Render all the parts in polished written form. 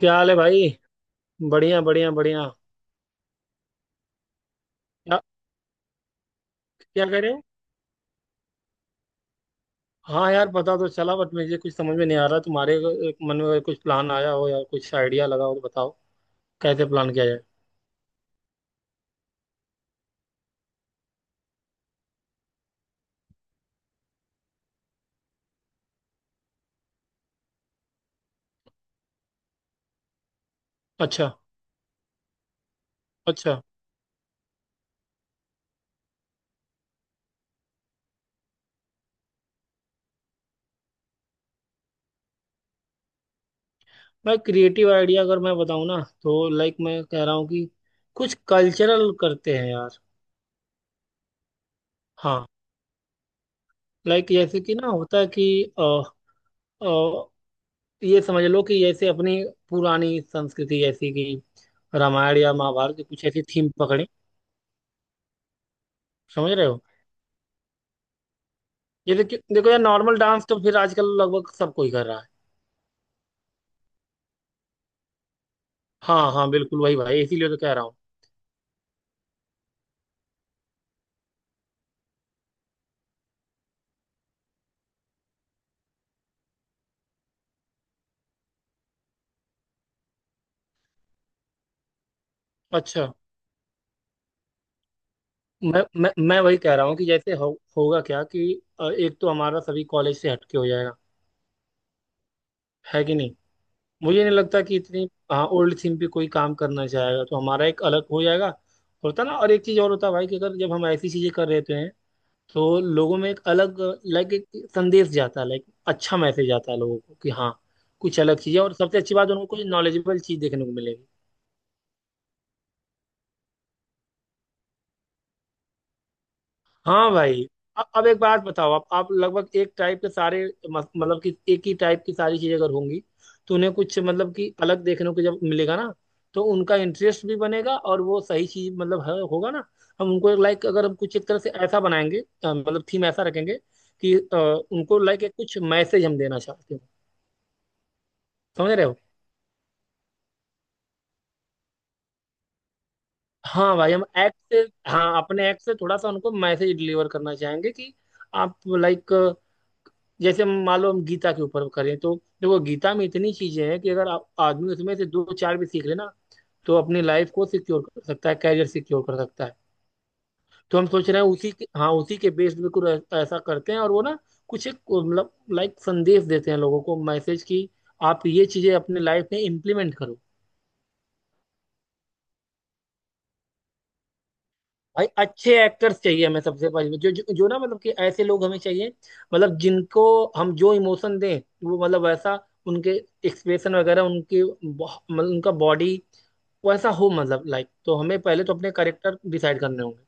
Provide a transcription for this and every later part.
क्या हाल है भाई। बढ़िया बढ़िया बढ़िया। क्या? क्या कह रहे हो? हाँ यार, पता तो चला बट मुझे कुछ समझ में नहीं आ रहा। तुम्हारे मन में कुछ प्लान आया हो या कुछ आइडिया लगा हो तो बताओ। कैसे प्लान किया जाए। अच्छा। अच्छा। मैं क्रिएटिव आइडिया, अगर मैं बताऊँ ना, तो लाइक मैं कह रहा हूँ कि कुछ कल्चरल करते हैं यार। हाँ। लाइक जैसे कि ना होता है कि अ, अ, ये समझ लो कि जैसे अपनी पुरानी संस्कृति, जैसे कि रामायण या महाभारत की कुछ ऐसी थीम पकड़े। समझ रहे हो? ये देखिए। देखो यार, नॉर्मल डांस तो फिर आजकल लगभग सब कोई कर रहा है। हाँ हाँ बिल्कुल वही भाई, इसीलिए तो कह रहा हूँ। अच्छा। मैं वही कह रहा हूँ कि जैसे होगा क्या कि एक तो हमारा सभी कॉलेज से हटके हो जाएगा। है कि नहीं? मुझे नहीं लगता कि इतनी, हाँ, ओल्ड थीम पे कोई काम करना चाहेगा, तो हमारा एक अलग हो जाएगा। होता ना। और एक चीज़ और होता है भाई कि अगर जब हम ऐसी चीज़ें कर रहे हैं तो लोगों में एक अलग, लाइक एक संदेश जाता है, लाइक अच्छा मैसेज आता है लोगों को कि हाँ कुछ अलग चीज़ है। और सबसे अच्छी बात, उनको कुछ नॉलेजेबल चीज़ देखने को मिलेगी। हाँ भाई। अब एक बात बताओ, आप लगभग एक टाइप के सारे मतलब कि एक ही टाइप की सारी चीजें अगर होंगी तो उन्हें कुछ मतलब कि अलग देखने को जब मिलेगा ना, तो उनका इंटरेस्ट भी बनेगा और वो सही चीज मतलब होगा ना। हम उनको एक लाइक, अगर हम कुछ एक तरह से ऐसा बनाएंगे, मतलब थीम ऐसा रखेंगे कि उनको लाइक एक कुछ मैसेज हम देना चाहते हो। समझ रहे हो? हाँ भाई, हम एक्ट से, हाँ अपने एक्ट से थोड़ा सा उनको मैसेज डिलीवर करना चाहेंगे कि आप लाइक, जैसे मान लो हम गीता के ऊपर करें तो देखो गीता में इतनी चीजें हैं कि अगर आप आदमी उसमें से दो चार भी सीख ले ना, तो अपनी लाइफ को सिक्योर कर सकता है, कैरियर सिक्योर कर सकता है। तो हम सोच रहे हैं उसी के, हाँ उसी के बेस पे कुछ ऐसा करते हैं, और वो ना कुछ एक मतलब लाइक संदेश देते हैं लोगों को, मैसेज की आप ये चीजें अपने लाइफ में इम्प्लीमेंट करो। भाई अच्छे एक्टर्स चाहिए हमें सबसे पहले, जो, जो जो ना मतलब कि ऐसे लोग हमें चाहिए, मतलब जिनको हम जो इमोशन दें वो मतलब वैसा, उनके एक्सप्रेशन वगैरह, उनकी मतलब उनका बॉडी वैसा हो, मतलब लाइक तो हमें पहले तो अपने करेक्टर डिसाइड करने होंगे।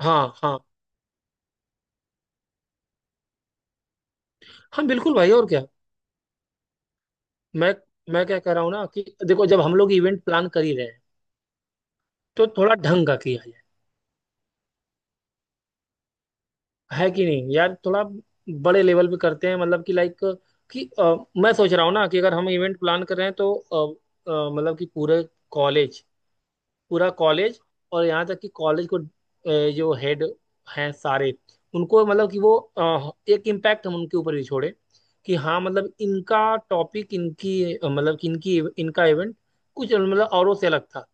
हाँ हाँ हाँ बिल्कुल भाई, और क्या। मैं मैं क्या कह रहा हूँ ना कि देखो, जब हम लोग इवेंट प्लान कर ही रहे हैं तो थोड़ा ढंग का किया जाए। है कि नहीं यार? थोड़ा बड़े लेवल पे करते हैं, मतलब कि लाइक कि मैं सोच रहा हूँ ना कि अगर हम इवेंट प्लान कर रहे हैं तो मतलब कि पूरे कॉलेज, पूरा कॉलेज, और यहाँ तक कि कॉलेज को जो हेड हैं सारे, उनको मतलब कि वो एक इम्पैक्ट हम उनके ऊपर भी छोड़े कि हाँ मतलब इनका टॉपिक, इनकी मतलब कि इनकी इनका इवेंट कुछ मतलब औरों से अलग था।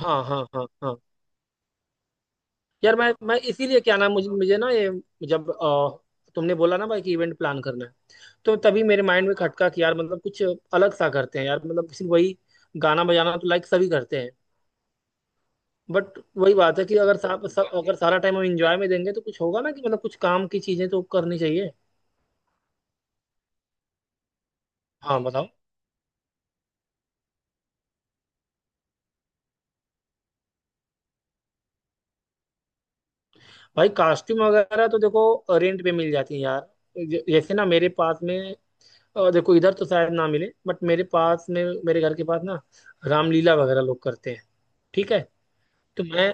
हाँ हाँ हाँ हाँ। यार मैं इसीलिए, क्या नाम, मुझे मुझे ना ये, जब तुमने बोला ना भाई कि इवेंट प्लान करना है, तो तभी मेरे माइंड में खटका कि यार मतलब कुछ अलग सा करते हैं यार। मतलब सिर्फ वही गाना बजाना तो लाइक सभी करते हैं। बट वही बात है कि अगर सा, सा, अगर सारा टाइम हम इंजॉय में देंगे तो कुछ होगा ना कि, मतलब कुछ काम की चीजें तो करनी चाहिए। हाँ बताओ। भाई कॉस्ट्यूम वगैरह तो देखो रेंट पे मिल जाती है यार। जैसे ना मेरे पास में देखो, इधर तो शायद ना मिले, बट मेरे पास में, मेरे घर के पास ना रामलीला वगैरह लोग करते हैं। ठीक है? तो मैं,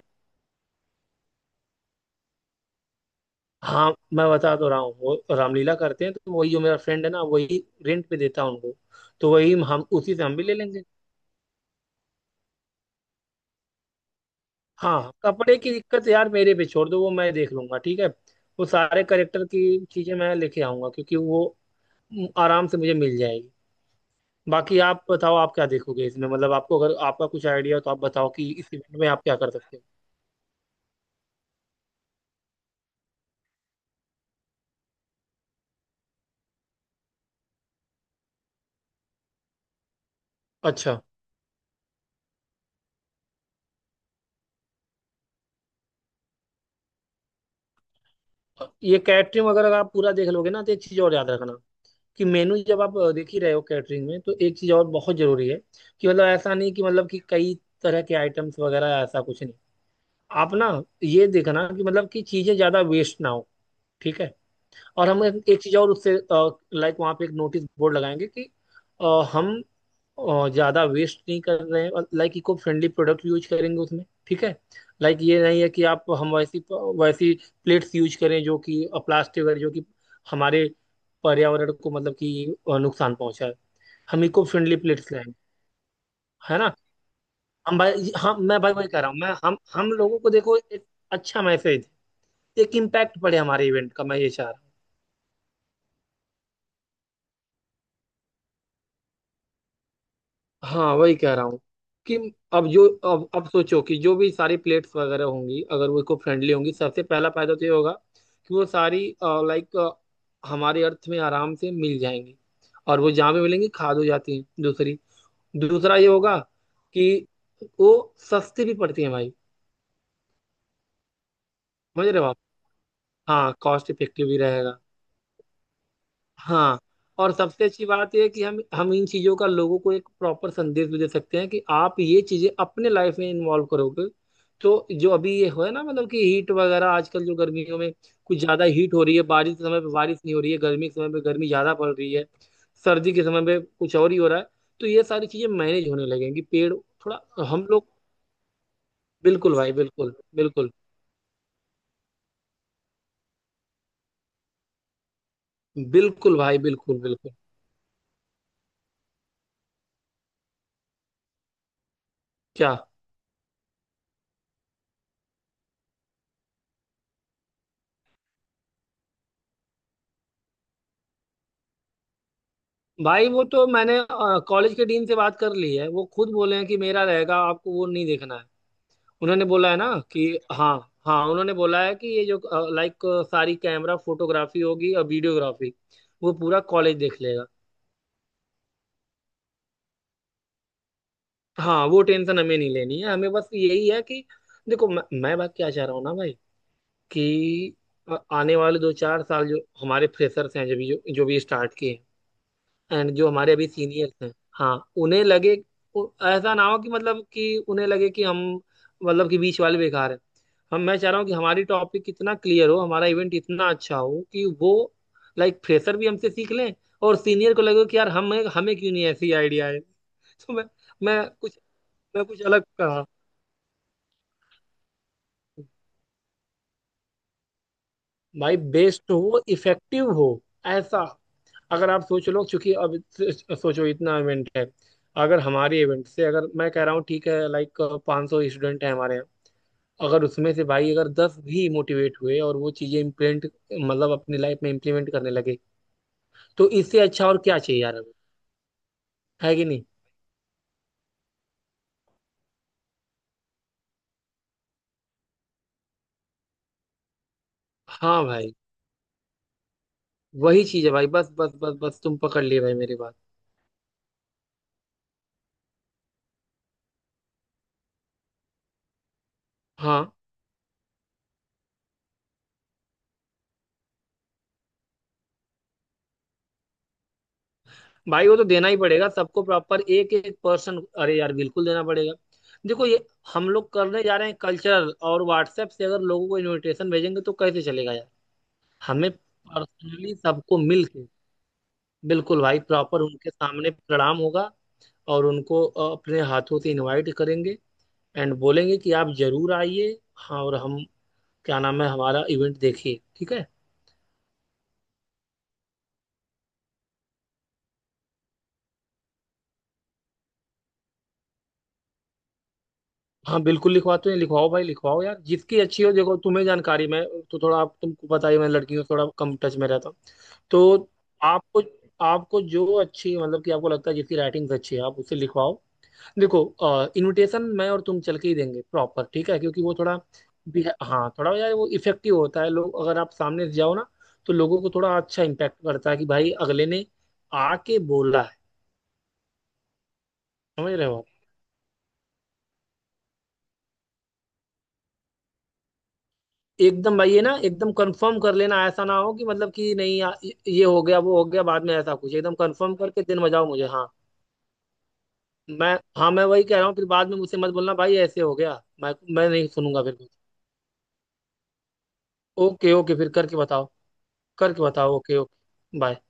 हाँ मैं बता तो रहा हूँ, वो रामलीला करते हैं तो वही जो मेरा फ्रेंड है ना, वही रेंट पे देता है उनको। तो वही, हम उसी से हम भी ले लेंगे। हाँ कपड़े की दिक्कत यार मेरे पे छोड़ दो, वो मैं देख लूंगा, ठीक है। वो सारे करेक्टर की चीजें मैं लेके आऊंगा क्योंकि वो आराम से मुझे मिल जाएगी। बाकी आप बताओ आप क्या देखोगे इसमें, मतलब आपको अगर आपका कुछ आइडिया हो तो आप बताओ कि इस इवेंट में आप क्या कर सकते हो। अच्छा। ये कैटरिंग वगैरह का आप पूरा देख लोगे ना, तो एक चीज और याद रखना कि मेनू जब आप देख ही रहे हो कैटरिंग में तो एक चीज और बहुत जरूरी है कि, मतलब ऐसा नहीं कि मतलब कि कई तरह के आइटम्स वगैरह, ऐसा कुछ नहीं। आप ना ये देखना कि मतलब कि चीजें ज्यादा वेस्ट ना हो, ठीक है। और हम एक एक चीज और उससे लाइक, वहां पे एक नोटिस बोर्ड लगाएंगे कि अ, हम और ज़्यादा वेस्ट नहीं कर रहे हैं, और like eco friendly product use करेंगे उसमें, ठीक है। लाइक ये नहीं है कि आप, हम वैसी वैसी प्लेट्स यूज करें जो कि प्लास्टिक वगैरह, जो कि हमारे पर्यावरण को मतलब कि नुकसान पहुंचाए। हम इको फ्रेंडली प्लेट्स लाएं। है ना। हम भाई हम मैं भाई वही कह रहा हूँ मैं। हम लोगों को, देखो एक अच्छा मैसेज, एक इम्पैक्ट पड़े हमारे इवेंट का, मैं ये चाह रहा हूँ। हाँ वही कह रहा हूँ कि, अब जो अब सोचो कि जो भी सारी प्लेट्स वगैरह होंगी, अगर वो इको फ्रेंडली होंगी, सबसे पहला फायदा तो ये होगा कि वो सारी लाइक हमारे अर्थ में आराम से मिल जाएंगी, और वो जहाँ भी मिलेंगी खाद हो जाती हैं। दूसरी, दूसरा ये होगा कि वो सस्ती भी पड़ती है भाई। समझ रहे हो आप। हाँ कॉस्ट इफेक्टिव भी रहेगा। हाँ और सबसे अच्छी बात यह है कि हम इन चीज़ों का लोगों को एक प्रॉपर संदेश भी दे सकते हैं कि आप ये चीज़ें अपने लाइफ में इन्वॉल्व करोगे, तो जो अभी ये हो है ना, मतलब कि हीट वगैरह आजकल जो गर्मियों में कुछ ज़्यादा हीट हो रही है, बारिश के समय पे बारिश नहीं हो रही है, गर्मी के समय पे गर्मी ज़्यादा पड़ रही है, सर्दी के समय पे कुछ और ही हो रहा है, तो ये सारी चीज़ें मैनेज होने लगेंगी। पेड़ थोड़ा, हम लोग। बिल्कुल भाई बिल्कुल बिल्कुल। बिल्कुल भाई बिल्कुल बिल्कुल। क्या? भाई वो तो मैंने कॉलेज के डीन से बात कर ली है, वो खुद बोले हैं कि मेरा रहेगा, आपको वो नहीं देखना है। उन्होंने बोला है ना कि हाँ। हाँ उन्होंने बोला है कि ये जो लाइक सारी कैमरा फोटोग्राफी होगी और वीडियोग्राफी, वो पूरा कॉलेज देख लेगा। हाँ वो टेंशन हमें नहीं लेनी है, हमें बस यही है कि देखो मैं बात क्या चाह रहा हूँ ना भाई कि आने वाले दो चार साल जो हमारे फ्रेशर्स हैं, जो भी स्टार्ट किए, एंड जो हमारे अभी सीनियर्स हैं, हाँ उन्हें लगे, ऐसा ना हो कि मतलब कि उन्हें लगे कि हम मतलब कि बीच वाले बेकार हैं। हम मैं चाह रहा हूँ कि हमारी टॉपिक इतना क्लियर हो, हमारा इवेंट इतना अच्छा हो कि वो लाइक फ्रेशर भी हमसे सीख लें, और सीनियर को लगे कि यार हमें, हमें क्यों नहीं ऐसी आइडिया है। तो मैं, मैं कुछ मैं कुछ अलग कहा। भाई बेस्ट हो, इफेक्टिव हो। ऐसा अगर आप सोच लो, क्योंकि अब सोचो इतना इवेंट है, अगर हमारे इवेंट से, अगर मैं कह रहा हूँ ठीक है लाइक 500 सौ स्टूडेंट हैं हमारे यहाँ, अगर उसमें से भाई अगर दस भी मोटिवेट हुए और वो चीजें इम्प्लेंट, मतलब अपनी लाइफ में इम्प्लीमेंट करने लगे, तो इससे अच्छा और क्या चाहिए यार हमें। है कि नहीं। हाँ भाई वही चीज है भाई, बस बस बस बस तुम पकड़ लिए भाई मेरी बात। हाँ भाई वो तो देना ही पड़ेगा सबको प्रॉपर, एक एक पर्सन, अरे यार बिल्कुल देना पड़ेगा। देखो ये हम लोग करने जा रहे हैं कल्चरल, और व्हाट्सएप से अगर लोगों को इनविटेशन भेजेंगे तो कैसे चलेगा यार। हमें पर्सनली सबको मिलके, बिल्कुल भाई प्रॉपर उनके सामने प्रणाम होगा, और उनको अपने हाथों से इनवाइट करेंगे, एंड बोलेंगे कि आप जरूर आइए। हाँ और हम, क्या नाम है हमारा इवेंट, देखिए ठीक है। हाँ बिल्कुल लिखवाते हैं, लिखवाओ भाई लिखवाओ यार जिसकी अच्छी हो, देखो तुम्हें जानकारी, मैं तो थोड़ा, आप, तुमको पता ही है, मैं लड़कियों से थोड़ा कम टच में रहता हूँ। तो आपको, जो अच्छी मतलब कि आपको लगता है जिसकी राइटिंग्स अच्छी है आप उसे लिखवाओ। देखो इनविटेशन मैं और तुम चल के ही देंगे प्रॉपर, ठीक है, क्योंकि वो थोड़ा हाँ थोड़ा यार, वो इफेक्टिव होता है। लोग, अगर आप सामने से जाओ ना, तो लोगों को थोड़ा अच्छा इम्पैक्ट करता है कि भाई अगले ने आके बोला है। समझ रहे हो। एकदम भाई, ये ना एकदम कंफर्म कर लेना, ऐसा ना हो कि मतलब कि नहीं ये हो गया वो हो गया बाद में ऐसा कुछ, एकदम कंफर्म करके दिन बजाओ मुझे, हाँ। मैं हाँ मैं वही कह रहा हूँ, फिर बाद में मुझसे मत बोलना भाई ऐसे हो गया। मैं नहीं सुनूंगा फिर। ओके ओके फिर करके बताओ। करके बताओ ओके ओके बाय।